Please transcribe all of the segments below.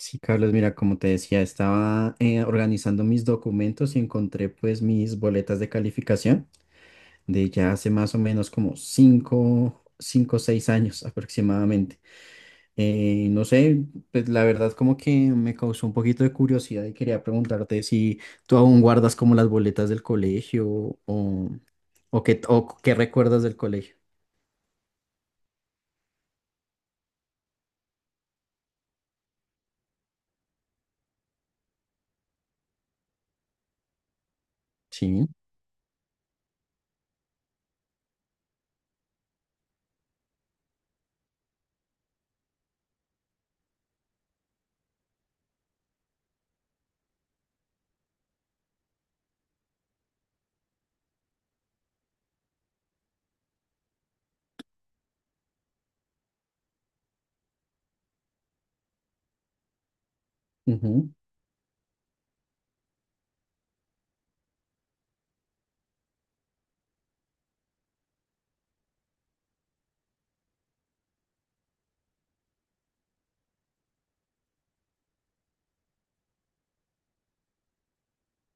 Sí, Carlos, mira, como te decía, estaba organizando mis documentos y encontré, pues, mis boletas de calificación de ya hace más o menos como cinco o 6 años aproximadamente. No sé, pues la verdad como que me causó un poquito de curiosidad y quería preguntarte si tú aún guardas como las boletas del colegio o, o qué recuerdas del colegio. Sí.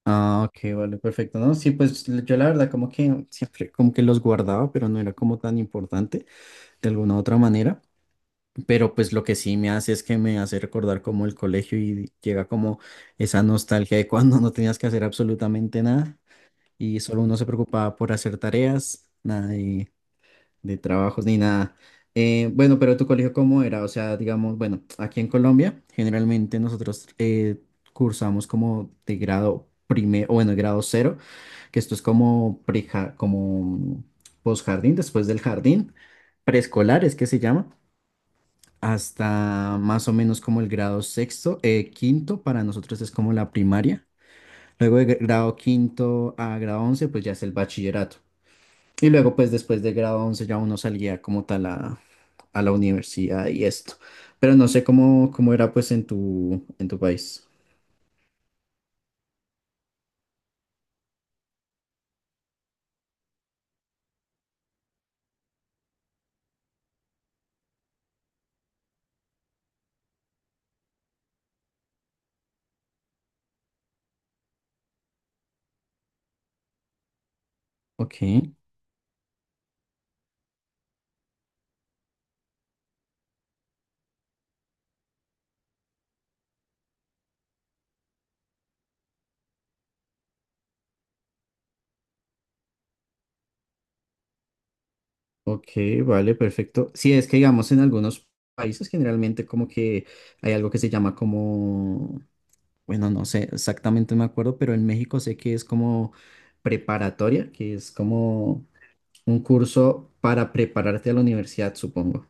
Ah, ok, vale, perfecto, ¿no? Sí, pues yo la verdad como que siempre como que los guardaba, pero no era como tan importante de alguna u otra manera, pero pues lo que sí me hace es que me hace recordar como el colegio y llega como esa nostalgia de cuando no tenías que hacer absolutamente nada y solo uno se preocupaba por hacer tareas, nada de trabajos ni nada. Bueno, pero tu colegio cómo era, o sea, digamos, bueno, aquí en Colombia generalmente nosotros cursamos como de grado primero, o, bueno, grado cero, que esto es como pre, como posjardín, después del jardín, preescolar es que se llama, hasta más o menos como el grado sexto, quinto, para nosotros es como la primaria. Luego de grado quinto a grado 11, pues ya es el bachillerato. Y luego, pues después de grado 11 ya uno salía como tal a la universidad y esto. Pero no sé cómo, cómo era pues en tu país. Ok. Ok, vale, perfecto. Sí, es que digamos en algunos países generalmente como que hay algo que se llama como, bueno, no sé exactamente, no me acuerdo, pero en México sé que es como preparatoria, que es como un curso para prepararte a la universidad, supongo.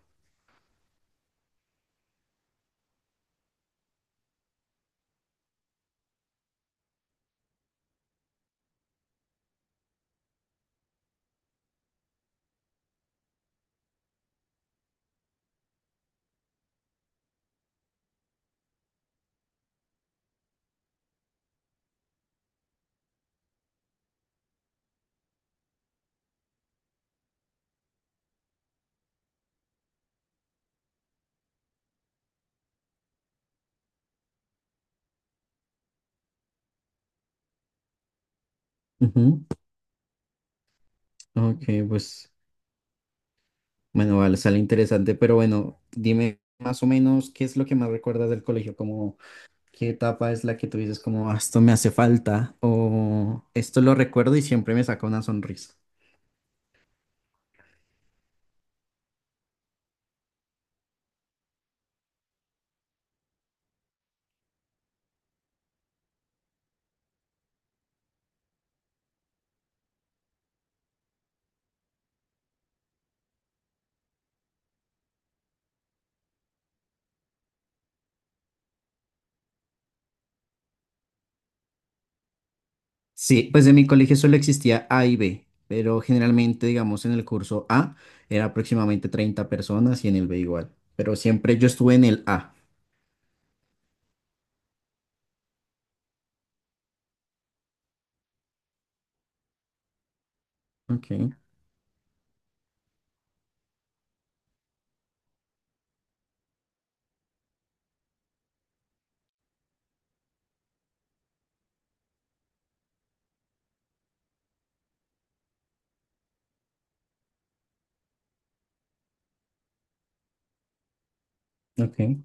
Ujú. Ok, pues bueno, vale, sale interesante, pero bueno, dime más o menos qué es lo que más recuerdas del colegio, como ¿qué etapa es la que tú dices como, "Ah, esto me hace falta o esto lo recuerdo y siempre me saca una sonrisa"? Sí, pues en mi colegio solo existía A y B, pero generalmente, digamos, en el curso A era aproximadamente 30 personas y en el B igual, pero siempre yo estuve en el A. Ok, ok,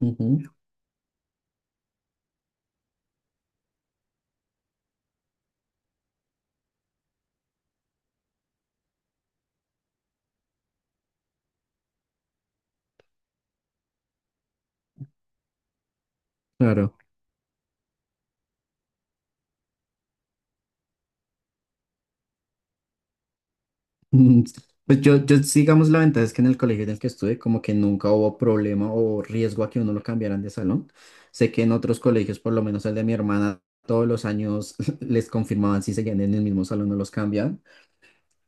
ujú, claro. Mm, pues yo sí, digamos, la ventaja es que en el colegio en el que estuve, como que nunca hubo problema o riesgo a que uno lo cambiaran de salón. Sé que en otros colegios, por lo menos el de mi hermana, todos los años les confirmaban si seguían en el mismo salón o los cambiaban.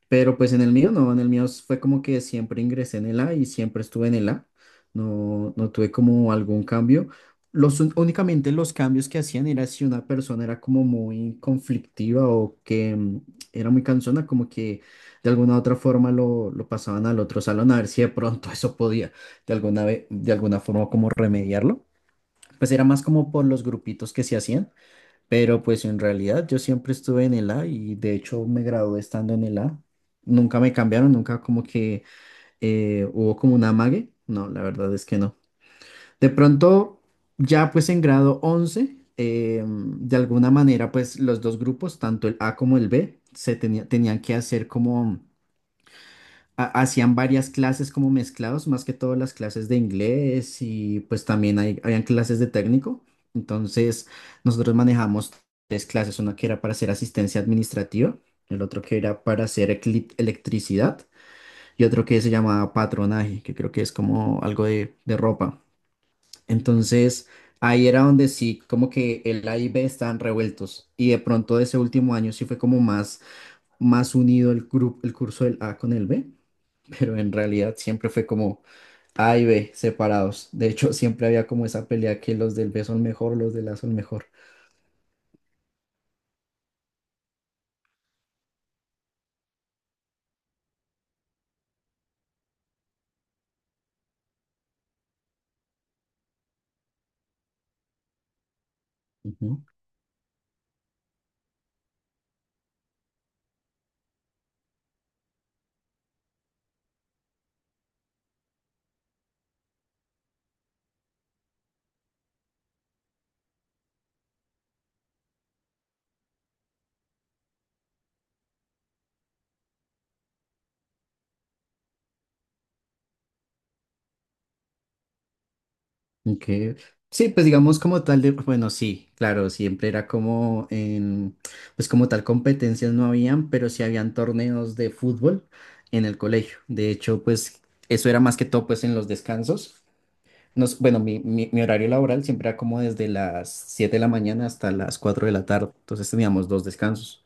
Pero pues en el mío no, en el mío fue como que siempre ingresé en el A y siempre estuve en el A. No, no tuve como algún cambio. Únicamente los cambios que hacían era si una persona era como muy conflictiva o que era muy cansona, como que de alguna u otra forma lo pasaban al otro salón a ver si de pronto eso podía de de alguna forma como remediarlo. Pues era más como por los grupitos que se hacían, pero pues en realidad yo siempre estuve en el A y de hecho me gradué estando en el A. Nunca me cambiaron, nunca como que hubo como un amague. No, la verdad es que no. De pronto, ya pues en grado 11, de alguna manera pues los dos grupos, tanto el A como el B, se tenían que hacer como hacían varias clases como mezclados, más que todo las clases de inglés y pues también hay, habían clases de técnico. Entonces nosotros manejamos tres clases, una que era para hacer asistencia administrativa, el otro que era para hacer electricidad y otro que se llamaba patronaje, que creo que es como algo de ropa. Entonces ahí era donde sí, como que el A y B estaban revueltos y de pronto de ese último año sí fue como más, más unido el grupo, el curso del A con el B, pero en realidad siempre fue como A y B separados. De hecho, siempre había como esa pelea que los del B son mejor, los del A son mejor. Ujú. Ok. Sí, pues digamos como tal de, bueno, sí, claro, siempre era como en, pues como tal competencias no habían, pero sí habían torneos de fútbol en el colegio. De hecho, pues eso era más que todo pues en los descansos. Nos, bueno, mi horario laboral siempre era como desde las 7 de la mañana hasta las 4 de la tarde. Entonces teníamos dos descansos.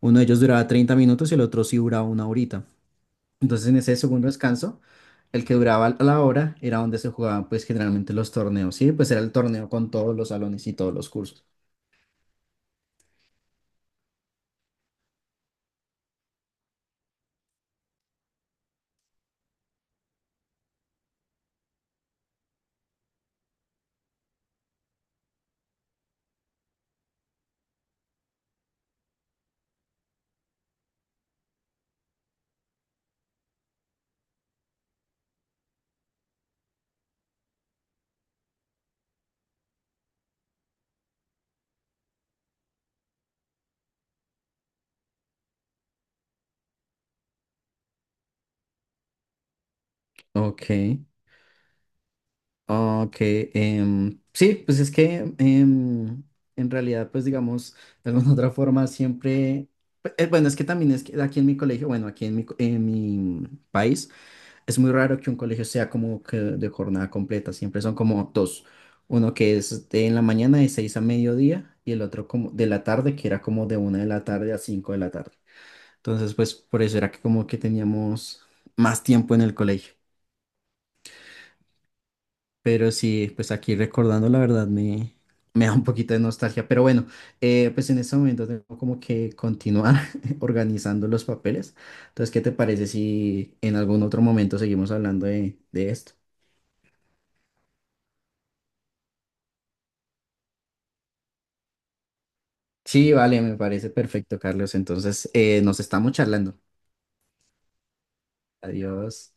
Uno de ellos duraba 30 minutos y el otro sí duraba una horita. Entonces en ese segundo descanso, el que duraba la hora era donde se jugaban pues generalmente los torneos, ¿sí? Pues era el torneo con todos los salones y todos los cursos. Ok, ok. Sí, pues es que en realidad, pues digamos, de alguna otra forma siempre... Bueno, es que también es que aquí en mi colegio, bueno, aquí en en mi país, es muy raro que un colegio sea como que de jornada completa, siempre son como dos, uno que es de en la mañana de 6 a mediodía y el otro como de la tarde, que era como de 1 de la tarde a 5 de la tarde. Entonces, pues por eso era que como que teníamos más tiempo en el colegio. Pero sí, pues aquí recordando, la verdad me, me da un poquito de nostalgia, pero bueno, pues en este momento tengo como que continuar organizando los papeles. Entonces, ¿qué te parece si en algún otro momento seguimos hablando de esto? Sí, vale, me parece perfecto, Carlos. Entonces, nos estamos charlando. Adiós.